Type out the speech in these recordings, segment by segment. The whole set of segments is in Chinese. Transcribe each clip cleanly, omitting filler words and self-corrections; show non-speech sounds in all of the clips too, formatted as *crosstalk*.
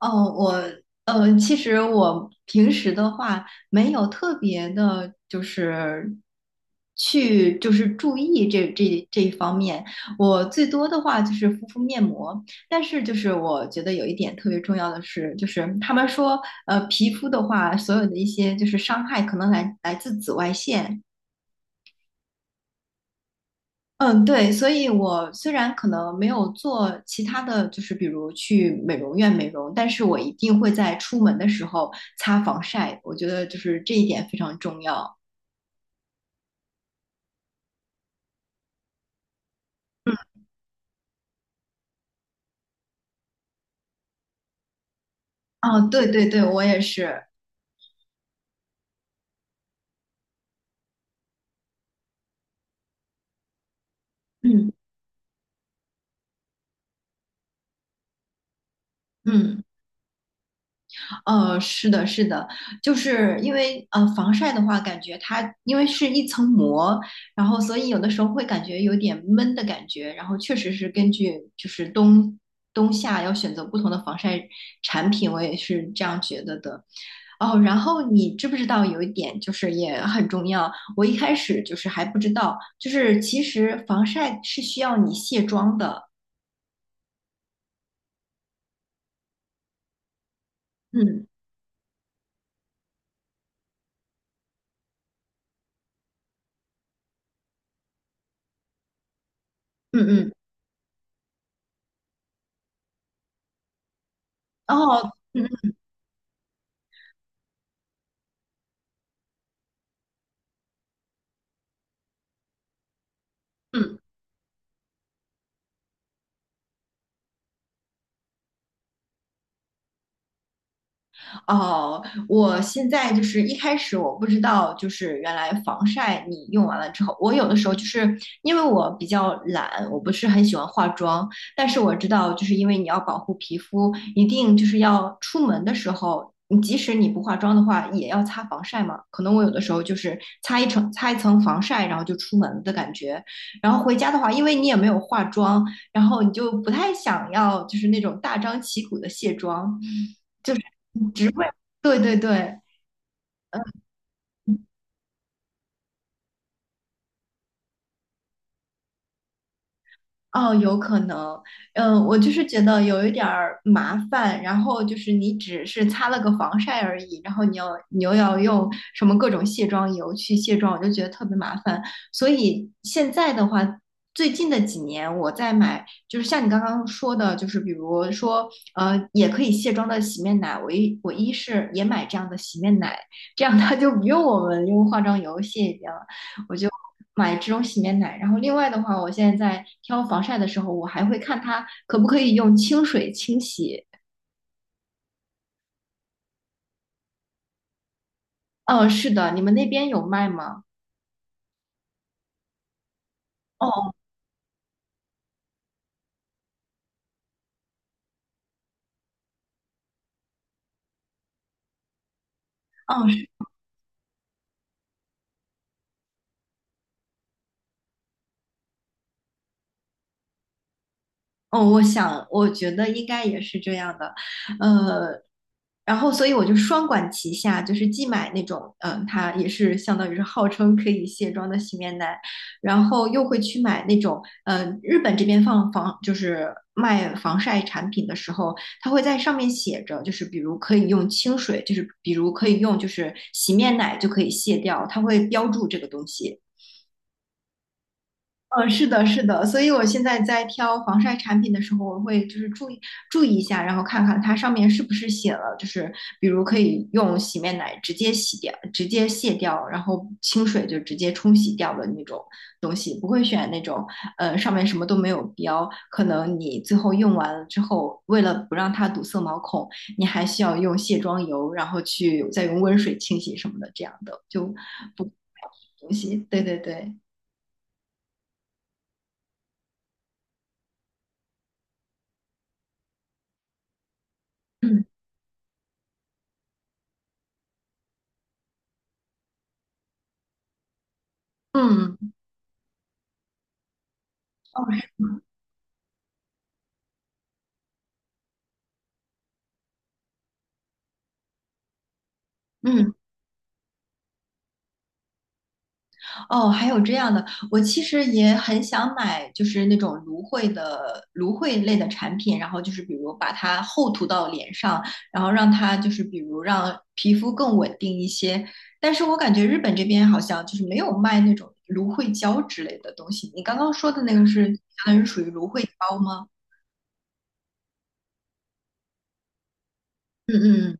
哦，我其实我平时的话没有特别的，就是去就是注意这一方面。我最多的话就是敷敷面膜，但是就是我觉得有一点特别重要的是，就是他们说皮肤的话，所有的一些就是伤害可能来自紫外线，嗯，对，所以我虽然可能没有做其他的就是，比如去美容院美容，但是我一定会在出门的时候擦防晒，我觉得就是这一点非常重要。嗯，哦，对对对，我也是。嗯嗯。是的，是的，就是因为防晒的话，感觉它因为是一层膜，然后所以有的时候会感觉有点闷的感觉，然后确实是根据就是夏要选择不同的防晒产品，我也是这样觉得的。哦，然后你知不知道有一点就是也很重要，我一开始就是还不知道，就是其实防晒是需要你卸妆的，嗯嗯嗯，哦，嗯嗯嗯。哦，我现在就是一开始我不知道，就是原来防晒你用完了之后，我有的时候就是因为我比较懒，我不是很喜欢化妆，但是我知道，就是因为你要保护皮肤，一定就是要出门的时候，你即使你不化妆的话，也要擦防晒嘛。可能我有的时候就是擦一层防晒，然后就出门的感觉。然后回家的话，因为你也没有化妆，然后你就不太想要就是那种大张旗鼓的卸妆。只会，对对对，哦，有可能，嗯，我就是觉得有一点儿麻烦，然后就是你只是擦了个防晒而已，然后你又要用什么各种卸妆油去卸妆，我就觉得特别麻烦。所以现在的话，最近的几年我在买，就是像你刚刚说的，就是比如说，也可以卸妆的洗面奶，我是也买这样的洗面奶，这样它就不用我们用化妆油卸一遍了。买这种洗面奶。然后另外的话，我现在在挑防晒的时候，我还会看它可不可以用清水清洗。嗯，是的，你们那边有卖吗？哦哦，哦，我想，我觉得应该也是这样的，呃，然后所以我就双管齐下，就是既买那种，嗯、它也是相当于是号称可以卸妆的洗面奶，然后又会去买那种，日本这边就是卖防晒产品的时候，它会在上面写着，就是比如可以用清水，就是比如可以用就是洗面奶就可以卸掉，它会标注这个东西。嗯，是的，是的，所以我现在在挑防晒产品的时候，我会就是注意一下，然后看看它上面是不是写了，就是比如可以用洗面奶直接洗掉、直接卸掉，然后清水就直接冲洗掉的那种东西，不会选那种上面什么都没有标，可能你最后用完了之后，为了不让它堵塞毛孔，你还需要用卸妆油，然后去再用温水清洗什么的，这样的就不东西。对对对，嗯嗯。嗯，哦，还有这样的，我其实也很想买，就是那种芦荟类的产品，然后就是比如把它厚涂到脸上，然后让它就是比如让皮肤更稳定一些。但是我感觉日本这边好像就是没有卖那种芦荟胶之类的东西。你刚刚说的那个是相当于属于芦荟胶吗？嗯嗯，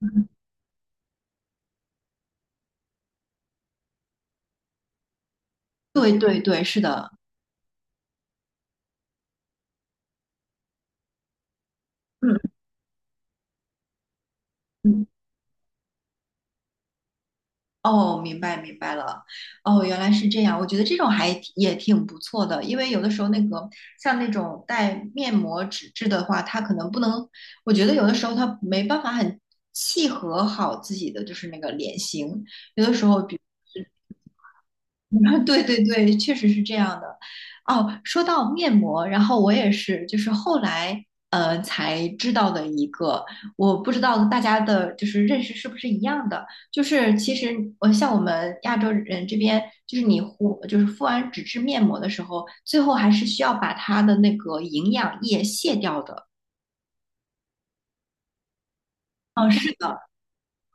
嗯对对对，是的，嗯嗯。哦，明白明白了，哦，原来是这样。我觉得这种还挺也挺不错的，因为有的时候那个像那种带面膜纸质的话，它可能不能，我觉得有的时候它没办法很契合好自己的就是那个脸型，有的时候比。*laughs* 对对对，确实是这样的。哦，说到面膜，然后我也是，就是后来才知道的一个，我不知道大家的就是认识是不是一样的。就是其实像我们亚洲人这边，就是就是敷完纸质面膜的时候，最后还是需要把它的那个营养液卸掉的。哦，是的。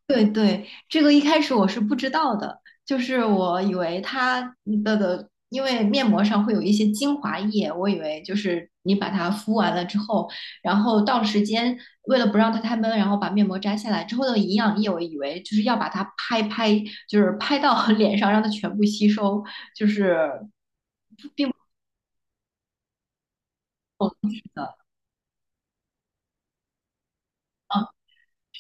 对对，这个一开始我是不知道的，就是我以为它的，因为面膜上会有一些精华液，我以为就是你把它敷完了之后，然后到时间为了不让它太闷，然后把面膜摘下来之后的营养液，我以为就是要把它拍，就是拍到 *laughs* 脸上让它全部吸收，就是。哦是的嗯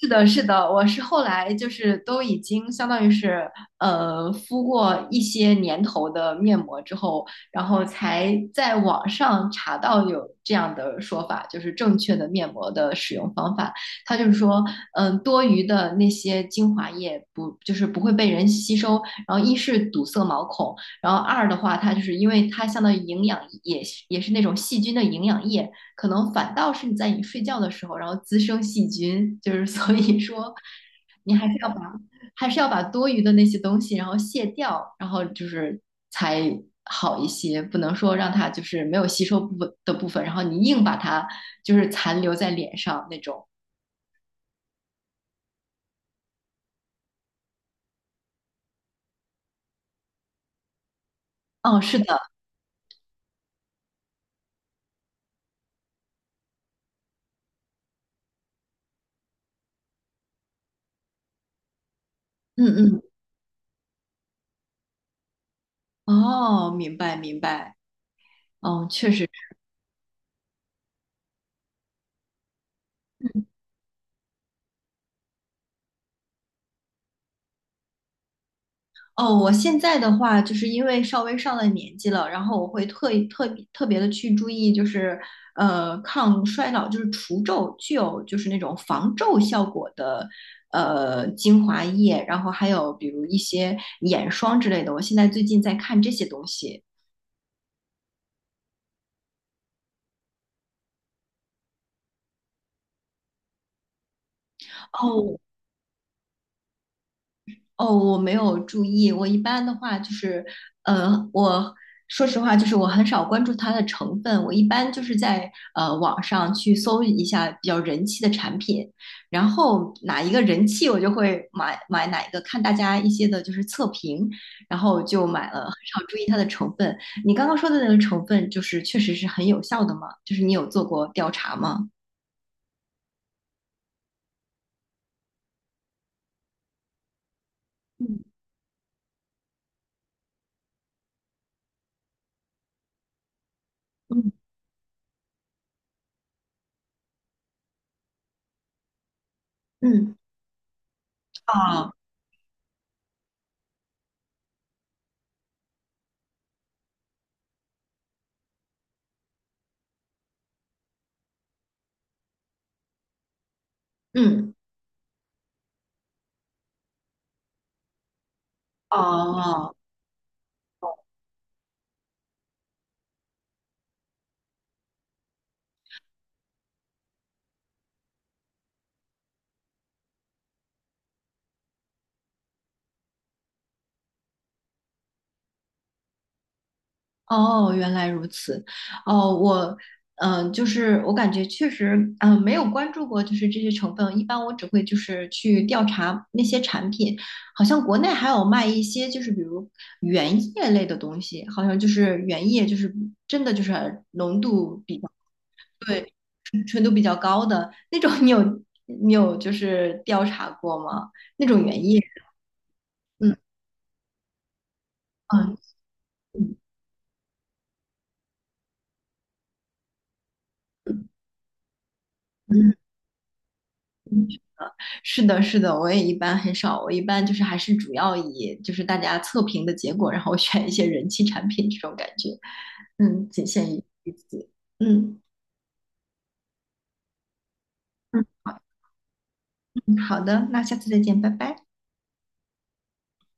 是的，是的，我是后来就是都已经相当于是敷过一些年头的面膜之后，然后才在网上查到有这样的说法，就是正确的面膜的使用方法。它就是说，嗯、多余的那些精华液不就是不会被人吸收，然后一是堵塞毛孔，然后二的话，它就是因为它相当于营养也是那种细菌的营养液，可能反倒是你在你睡觉的时候，然后滋生细菌，就是所以说你还是要把多余的那些东西然后卸掉，然后就是才好一些，不能说让它就是没有吸收部分，然后你硬把它就是残留在脸上那种。哦，是的，嗯嗯，哦，明白明白，嗯，确实。哦，我现在的话，就是因为稍微上了年纪了，然后我会特意特别的去注意，就是抗衰老，就是除皱，具有就是那种防皱效果的精华液，然后还有比如一些眼霜之类的，我现在最近在看这些东西。哦，哦，我没有注意。我一般的话就是，呃，我说实话，就是我很少关注它的成分。我一般就是在网上去搜一下比较人气的产品，然后哪一个人气，我就会买哪一个，看大家一些的就是测评，然后就买了，很少注意它的成分。你刚刚说的那个成分，就是确实是很有效的吗？就是你有做过调查吗？嗯嗯嗯，啊，嗯。哦，哦，原来如此。哦，我，嗯、就是我感觉确实，嗯、没有关注过，就是这些成分。一般我只会就是去调查那些产品，好像国内还有卖一些，就是比如原液类的东西，好像就是原液，就是真的就是浓度比较，对，纯度比较高的那种。你有就是调查过吗？那种原液？嗯嗯嗯嗯。嗯是的，是的，我也一般很少，我一般就是还是主要以就是大家测评的结果，然后 *laughs* 选一些人气产品这种感觉，嗯，仅限于此，嗯嗯，好，嗯，好的，那下次再见，拜拜。